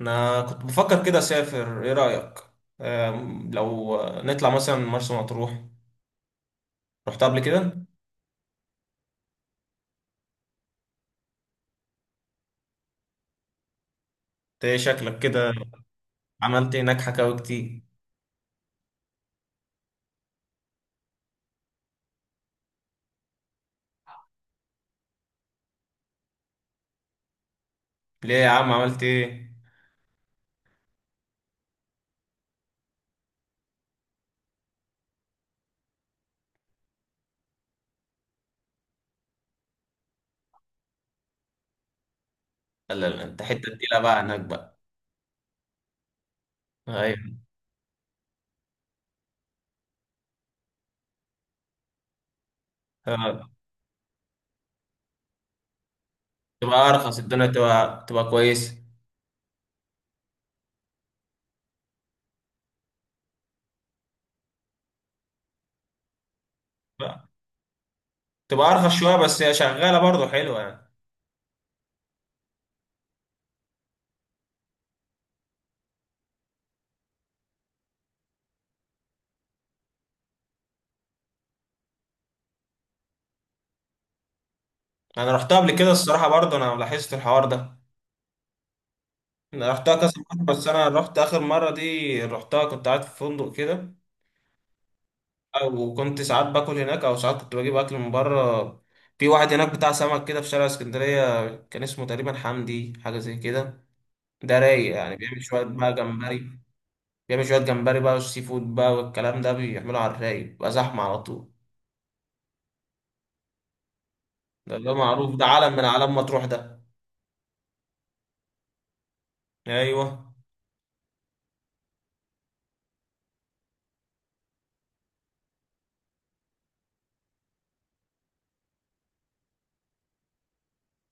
انا كنت بفكر كده، اسافر، ايه رايك؟ لو نطلع مثلا مرسى مطروح. رحت قبل كده انت؟ ايه شكلك كده؟ عملت إيه هناك، حكاوي كتير؟ ليه يا عم، عملت ايه؟ لا لا لا، انت حته تقيله بقى هناك بقى. ايوه. آه، تبقى ارخص الدنيا، تبقى كويسه. بقى. تبقى ارخص شويه بس هي شغاله برضه حلوه يعني. انا رحتها قبل كده الصراحه، برضه انا لاحظت الحوار ده. انا رحتها كذا مره، بس انا رحت اخر مره دي، رحتها كنت قاعد في فندق كده. وكنت ساعات باكل هناك او ساعات كنت بجيب اكل من بره. في واحد هناك بتاع سمك كده في شارع اسكندرية، كان اسمه تقريبا حمدي حاجة زي كده. ده رايق يعني، بيعمل شوية بقى جمبري. بيعمل شوية جمبري بقى، والسي فود بقى والكلام ده بيعمله على الرايق، بيبقى زحمة على طول. ده معروف، ده عالم من أعلام مطروح ده. أيوه.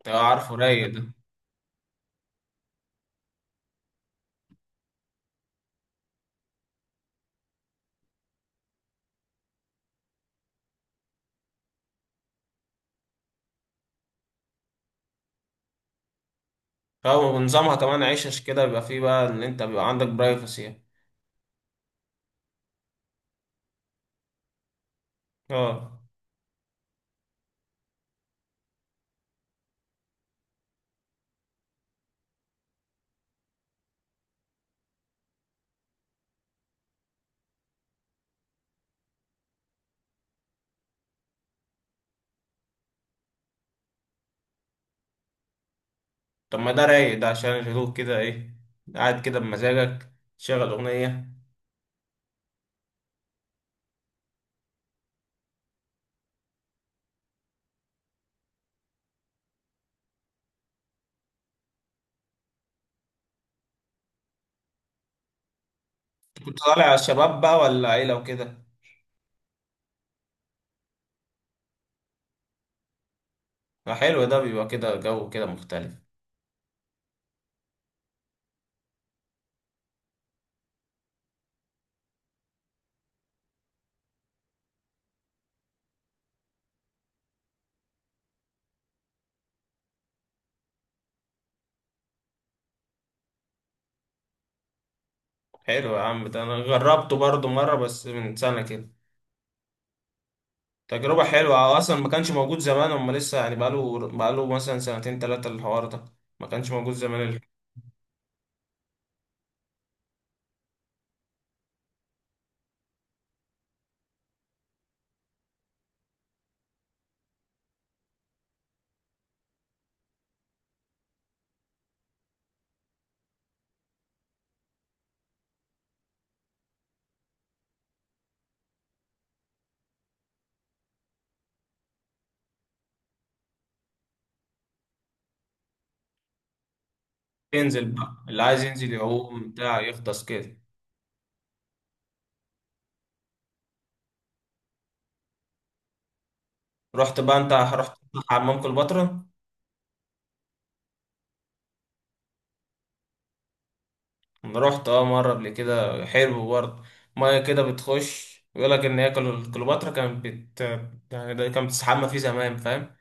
ده عارفه، رايق ده. اه، ونظامها كمان عيشش كده، بيبقى فيه بقى إن أنت بيبقى عندك برايفسي يعني. اه. طب ما ده رايق ده عشان الهدوء كده إيه، قاعد كده بمزاجك، تشغل أغنية. كنت طالع شباب بقى ولا عيلة وكده؟ ما حلو، ده بيبقى كده جو كده مختلف. حلو يا عم، ده انا جربته برضو مرة بس من سنة كده. تجربة حلوة. هو اصلا ما كانش موجود زمان، هما لسه يعني بقاله مثلا سنتين تلاتة الحوار ده. ما كانش موجود زمان. ينزل بقى اللي عايز ينزل يعوم بتاع، يغطس كده. رحت بقى، انت رحت حمام كليوباترا؟ انا رحت اه مرة قبل كده، حلو برضه. مية كده بتخش، يقول لك ان هي كليوباترا كانت يعني، ده كانت بتستحمى فيه زمان، فاهم؟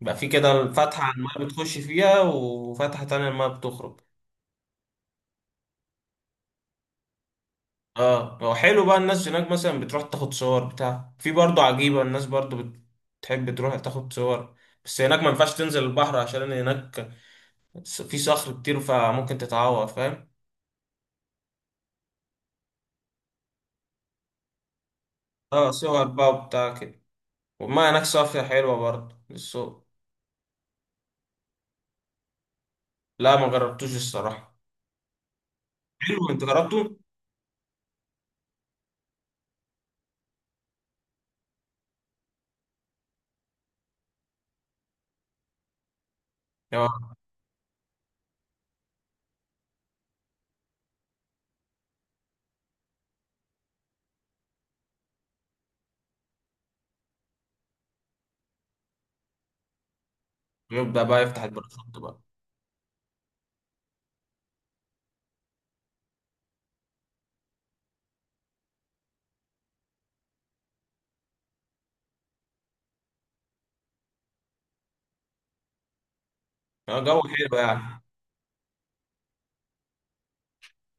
بقى في كده فتحة، المايه بتخش فيها، وفتحة تانية المايه بتخرج. اه هو حلو بقى. الناس هناك مثلا بتروح تاخد صور بتاع، في برضه عجيبة الناس برضه، بتحب تروح تاخد صور. بس هناك ما ينفعش تنزل البحر، عشان هناك في صخر كتير، فممكن تتعور فاهم. اه صور بقى وبتاع كده. والمية هناك صافية حلوة برضه للسوق. لا ما جربتوش الصراحة. حلو، انت جربته؟ اه. يبدأ بقى يفتح الباراشوت بقى. اه جو حلو يعني.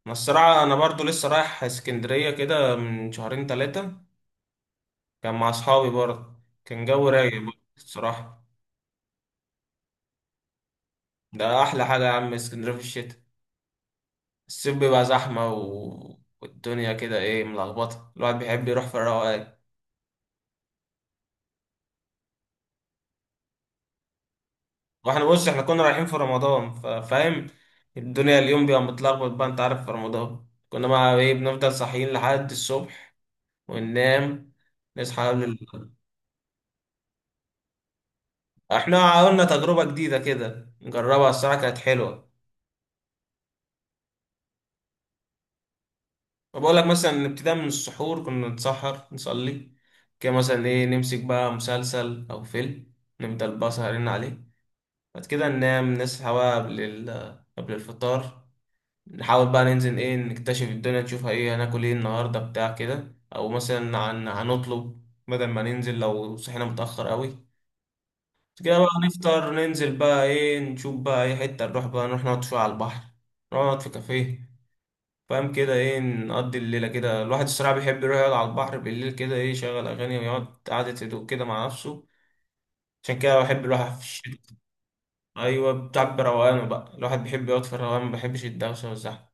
ما الصراحة أنا برضو لسه رايح اسكندرية كده من شهرين تلاتة، كان مع أصحابي برضه، كان جو رايق برضه الصراحة. ده أحلى حاجة يا عم، اسكندرية في الشتاء. الصيف بيبقى زحمة و... والدنيا كده إيه ملخبطة، الواحد بيحب يروح في الروقان. وإحنا بص، إحنا كنا رايحين في رمضان فاهم. الدنيا اليوم بيبقى متلخبط بقى، أنت عارف في رمضان كنا بقى إيه، بنفضل صاحيين لحد الصبح وننام، نصحى قبل ال... إحنا عملنا تجربة جديدة كده نجربها، الصراحة كانت حلوة. فبقول لك مثلا، ابتداء من السحور كنا نتسحر نصلي، كده مثلا ايه نمسك بقى مسلسل او فيلم، نفضل بقى سهرين عليه. بعد كده ننام نصحى بقى قبل الفطار. نحاول بقى ننزل ايه، نكتشف الدنيا نشوفها، ايه هناكل ايه النهارده بتاع كده، او مثلا عن هنطلب بدل ما ننزل لو صحينا متأخر قوي. بعد كده بقى نفطر، ننزل بقى ايه، نشوف بقى اي حتة، نروح بقى نروح نقعد شوية على البحر، نقعد في كافيه. فاهم كده، ايه نقضي الليله كده. الواحد الصراحه بيحب يروح يقعد على البحر بالليل كده، ايه يشغل اغاني ويقعد قعده هدوء كده مع نفسه. عشان كده بحب الواحد في الشتاء. ايوه بتعب روقانه بقى، الواحد بيحب يقعد في الروقان، ما بيحبش الدوشه والزحمه.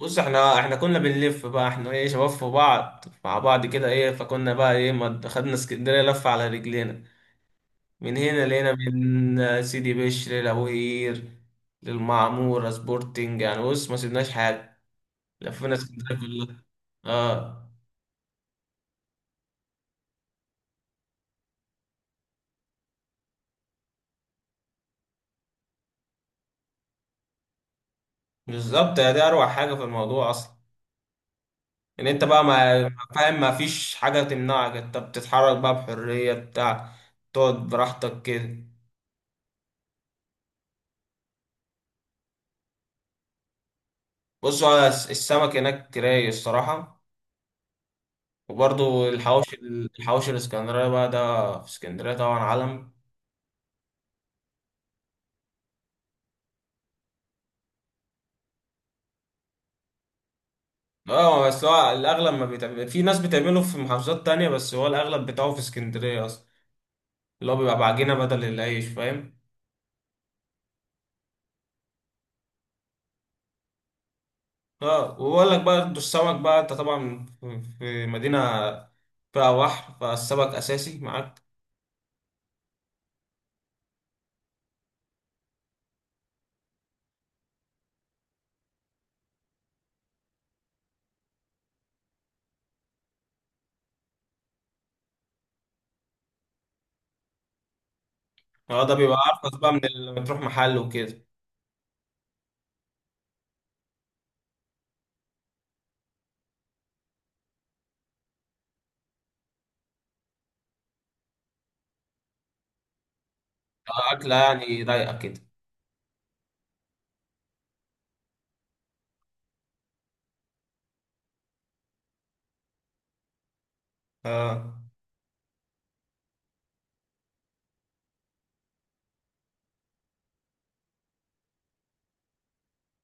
بص احنا كنا بنلف بقى، احنا ايه شباب في بعض مع بعض كده ايه، فكنا بقى ايه، ما خدنا اسكندريه لفه على رجلينا. من هنا لقينا من سيدي بشر لابوهير للمعموره سبورتنج يعني، بص ما سيبناش حاجه، لفينا اسكندريه كلها. اه بالظبط، يا دي اروع حاجه في الموضوع اصلا، ان انت بقى فاهم ما فيش حاجه تمنعك، انت بتتحرك بقى بحريه بتاع، تقعد براحتك كده. بص هو السمك هناك رايق الصراحه. وبرضو الحواوشي الاسكندريه بقى، ده في اسكندريه طبعا علم. اه بس هو الاغلب ما بيتعمل، في ناس بتعمله في محافظات تانية، بس هو الاغلب بتاعه في اسكندريه اصلا، اللي هو بيبقى بعجينه بدل العيش فاهم. اه وبقول لك بقى انتوا السمك بقى، انت طبعا في مدينة فيها بحر، فالسمك أساسي معاك. اه ده بيبقى أرخص بقى من اللي بتروح محل وكده. أكلة يعني رايقة كده. اه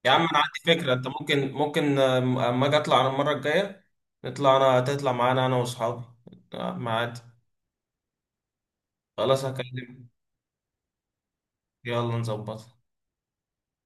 يا عم أنا عندي فكرة، أنت ممكن أما أجي أطلع أنا المرة الجاية، نطلع، أنا تطلع معانا أنا وأصحابي. ما عادي. خلاص هكلمك. يلا نظبط.